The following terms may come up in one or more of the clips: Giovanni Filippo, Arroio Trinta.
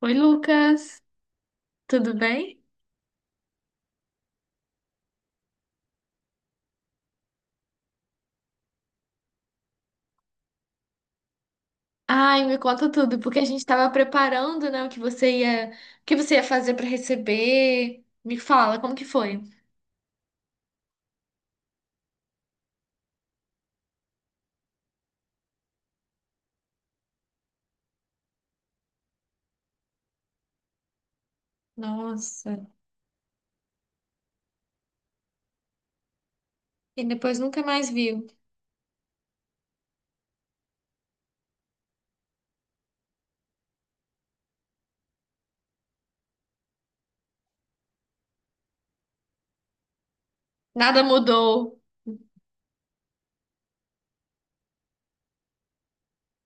Oi, Lucas, tudo bem? Ai, me conta tudo, porque a gente estava preparando, né, o que você ia fazer para receber. Me fala, como que foi? Nossa, e depois nunca mais viu. Nada mudou.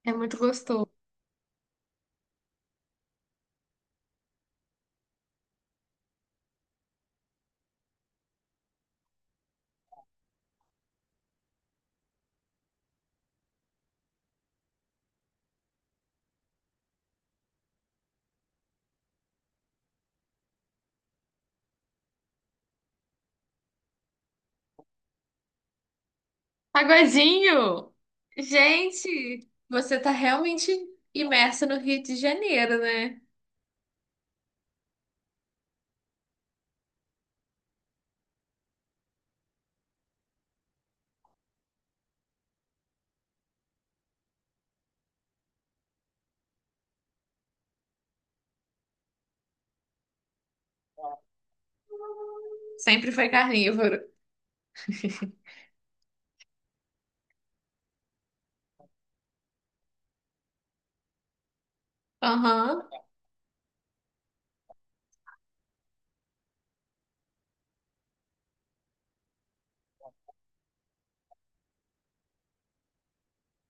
É muito gostoso. Pagodinho! Gente, você tá realmente imersa no Rio de Janeiro, né? Sempre foi carnívoro. Aham.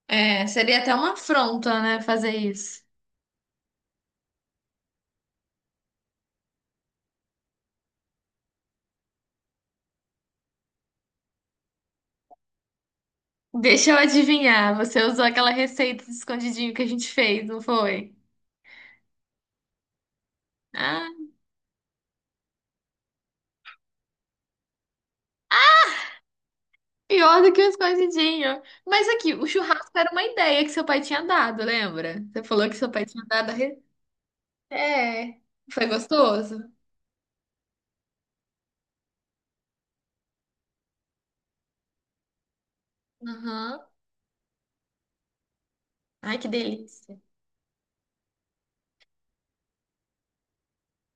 É, seria até uma afronta, né, fazer isso. Deixa eu adivinhar, você usou aquela receita de escondidinho que a gente fez, não foi? Ah, pior do que o escondidinho. Mas aqui, o churrasco era uma ideia que seu pai tinha dado, lembra? Você falou que seu pai tinha dado a receita. É, foi gostoso? Aham. Ai, que delícia.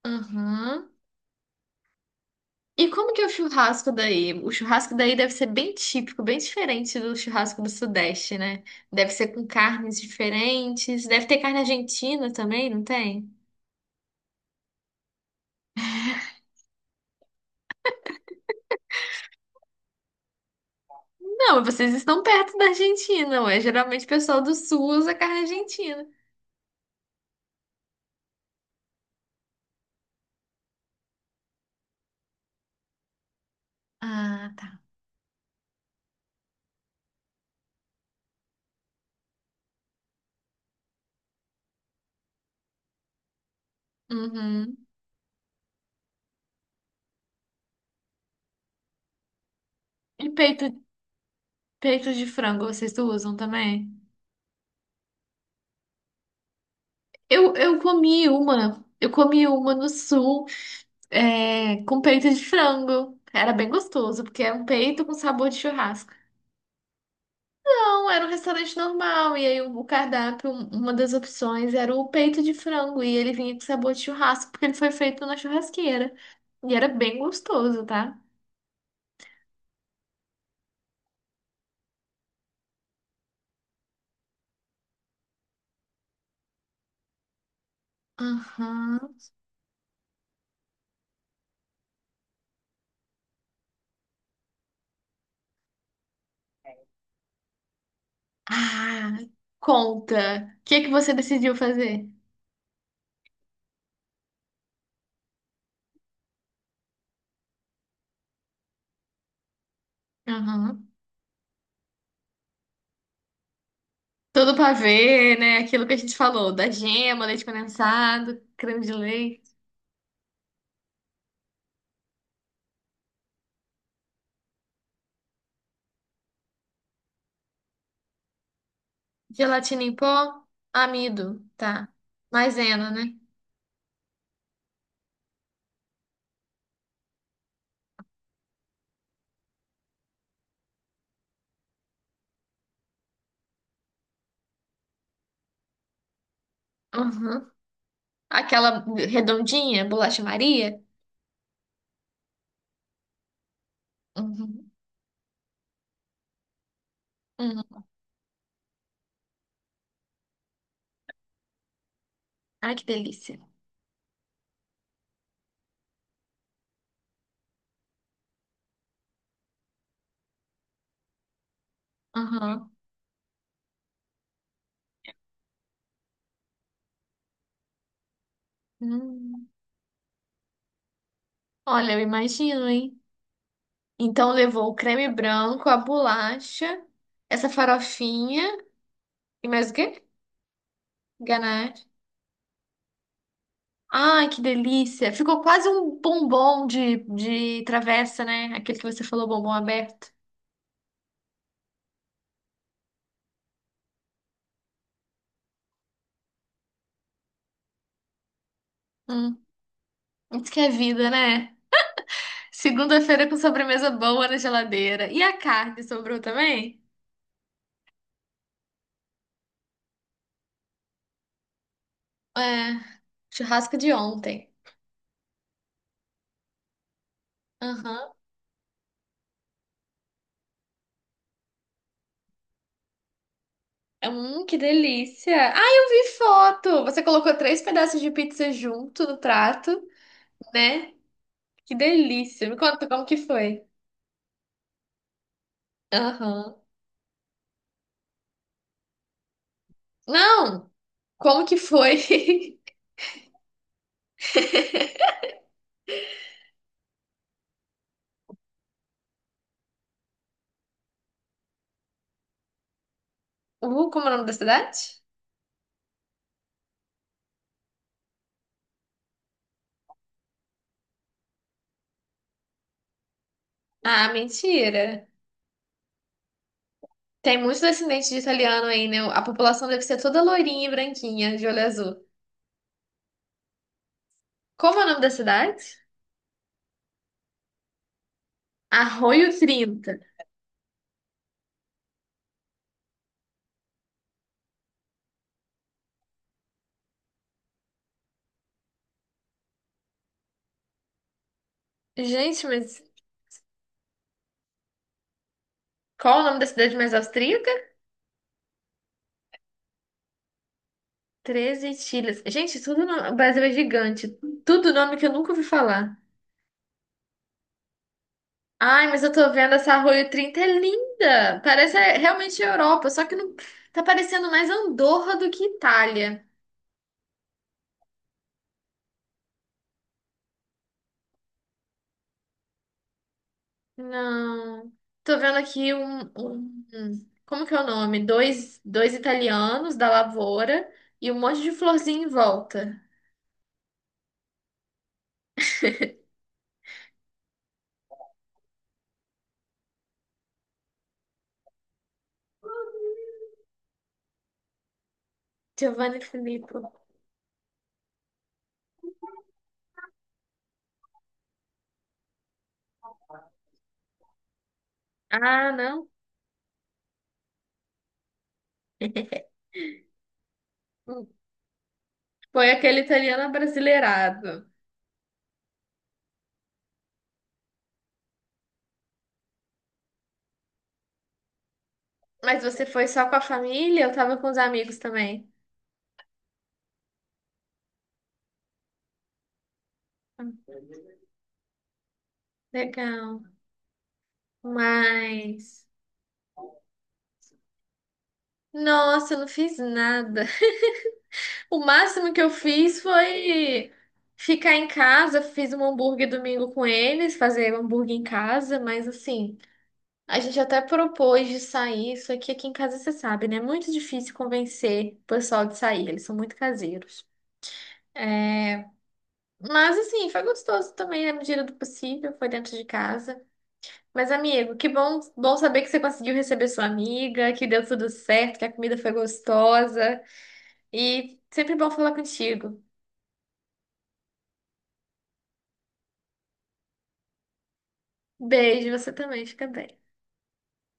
Aham. E como que é o churrasco daí? O churrasco daí deve ser bem típico, bem diferente do churrasco do Sudeste, né? Deve ser com carnes diferentes. Deve ter carne argentina também, não tem? Não, vocês estão perto da Argentina, ué. Geralmente o pessoal do sul usa carne argentina. Ah, tá. Uhum. E peito, peito de frango, vocês usam também? Eu comi uma, no sul, é, com peito de frango. Era bem gostoso, porque é um peito com sabor de churrasco. Não, era um restaurante normal, e aí o cardápio, uma das opções era o peito de frango, e ele vinha com sabor de churrasco, porque ele foi feito na churrasqueira. E era bem gostoso, tá? Aham. Ah, conta. O que é que você decidiu fazer? Aham. Todo ver né? Aquilo que a gente falou, da gema, leite condensado, creme de leite, gelatina em pó, amido, tá? Maisena, né? Uhum. Aquela redondinha, bolacha Maria. Uhum. Uhum. Ai, que delícia. Uhum. Hum. Olha, eu imagino, hein? Então levou o creme branco, a bolacha, essa farofinha e mais o quê? Ganache. Ai, que delícia. Ficou quase um bombom de travessa, né? Aquele que você falou, bombom aberto. Hum, isso que é vida, né? Segunda-feira com sobremesa boa na geladeira. E a carne sobrou também? É, churrasco de ontem. Aham. Que delícia. Ai, eu vi foto. Você colocou três pedaços de pizza junto no prato, né? Que delícia. Me conta como que foi. Aham. Não, como que foi? Como é o nome da cidade? Ah, mentira. Tem muitos descendentes de italiano aí, né? A população deve ser toda loirinha e branquinha, de olho azul. Como é o nome da cidade? Arroio Trinta. Gente, mas qual é o nome da cidade mais austríaca? 13 Tilhas. Gente, tudo no... o Brasil é gigante. Tudo nome que eu nunca ouvi falar. Ai, mas eu tô vendo essa Arroio Trinta é linda. Parece é, realmente a Europa, só que não... tá parecendo mais Andorra do que Itália. Não. Tô vendo aqui como que é o nome? Dois italianos da lavoura e um monte de florzinha em volta. Giovanni Filippo. Ah, não. Hum, foi aquele italiano brasileirado. Mas você foi só com a família? Eu tava com os amigos também. Legal. Mas, nossa, eu não fiz nada. O máximo que eu fiz foi ficar em casa. Fiz um hambúrguer domingo com eles, fazer hambúrguer em casa, mas assim, a gente até propôs de sair. Isso aqui, aqui em casa você sabe, né? É muito difícil convencer o pessoal de sair, eles são muito caseiros. Mas assim, foi gostoso também, na medida do possível, foi dentro de casa. Mas, amigo, que bom, bom saber que você conseguiu receber sua amiga, que deu tudo certo, que a comida foi gostosa. E sempre bom falar contigo. Beijo, você também, fica bem.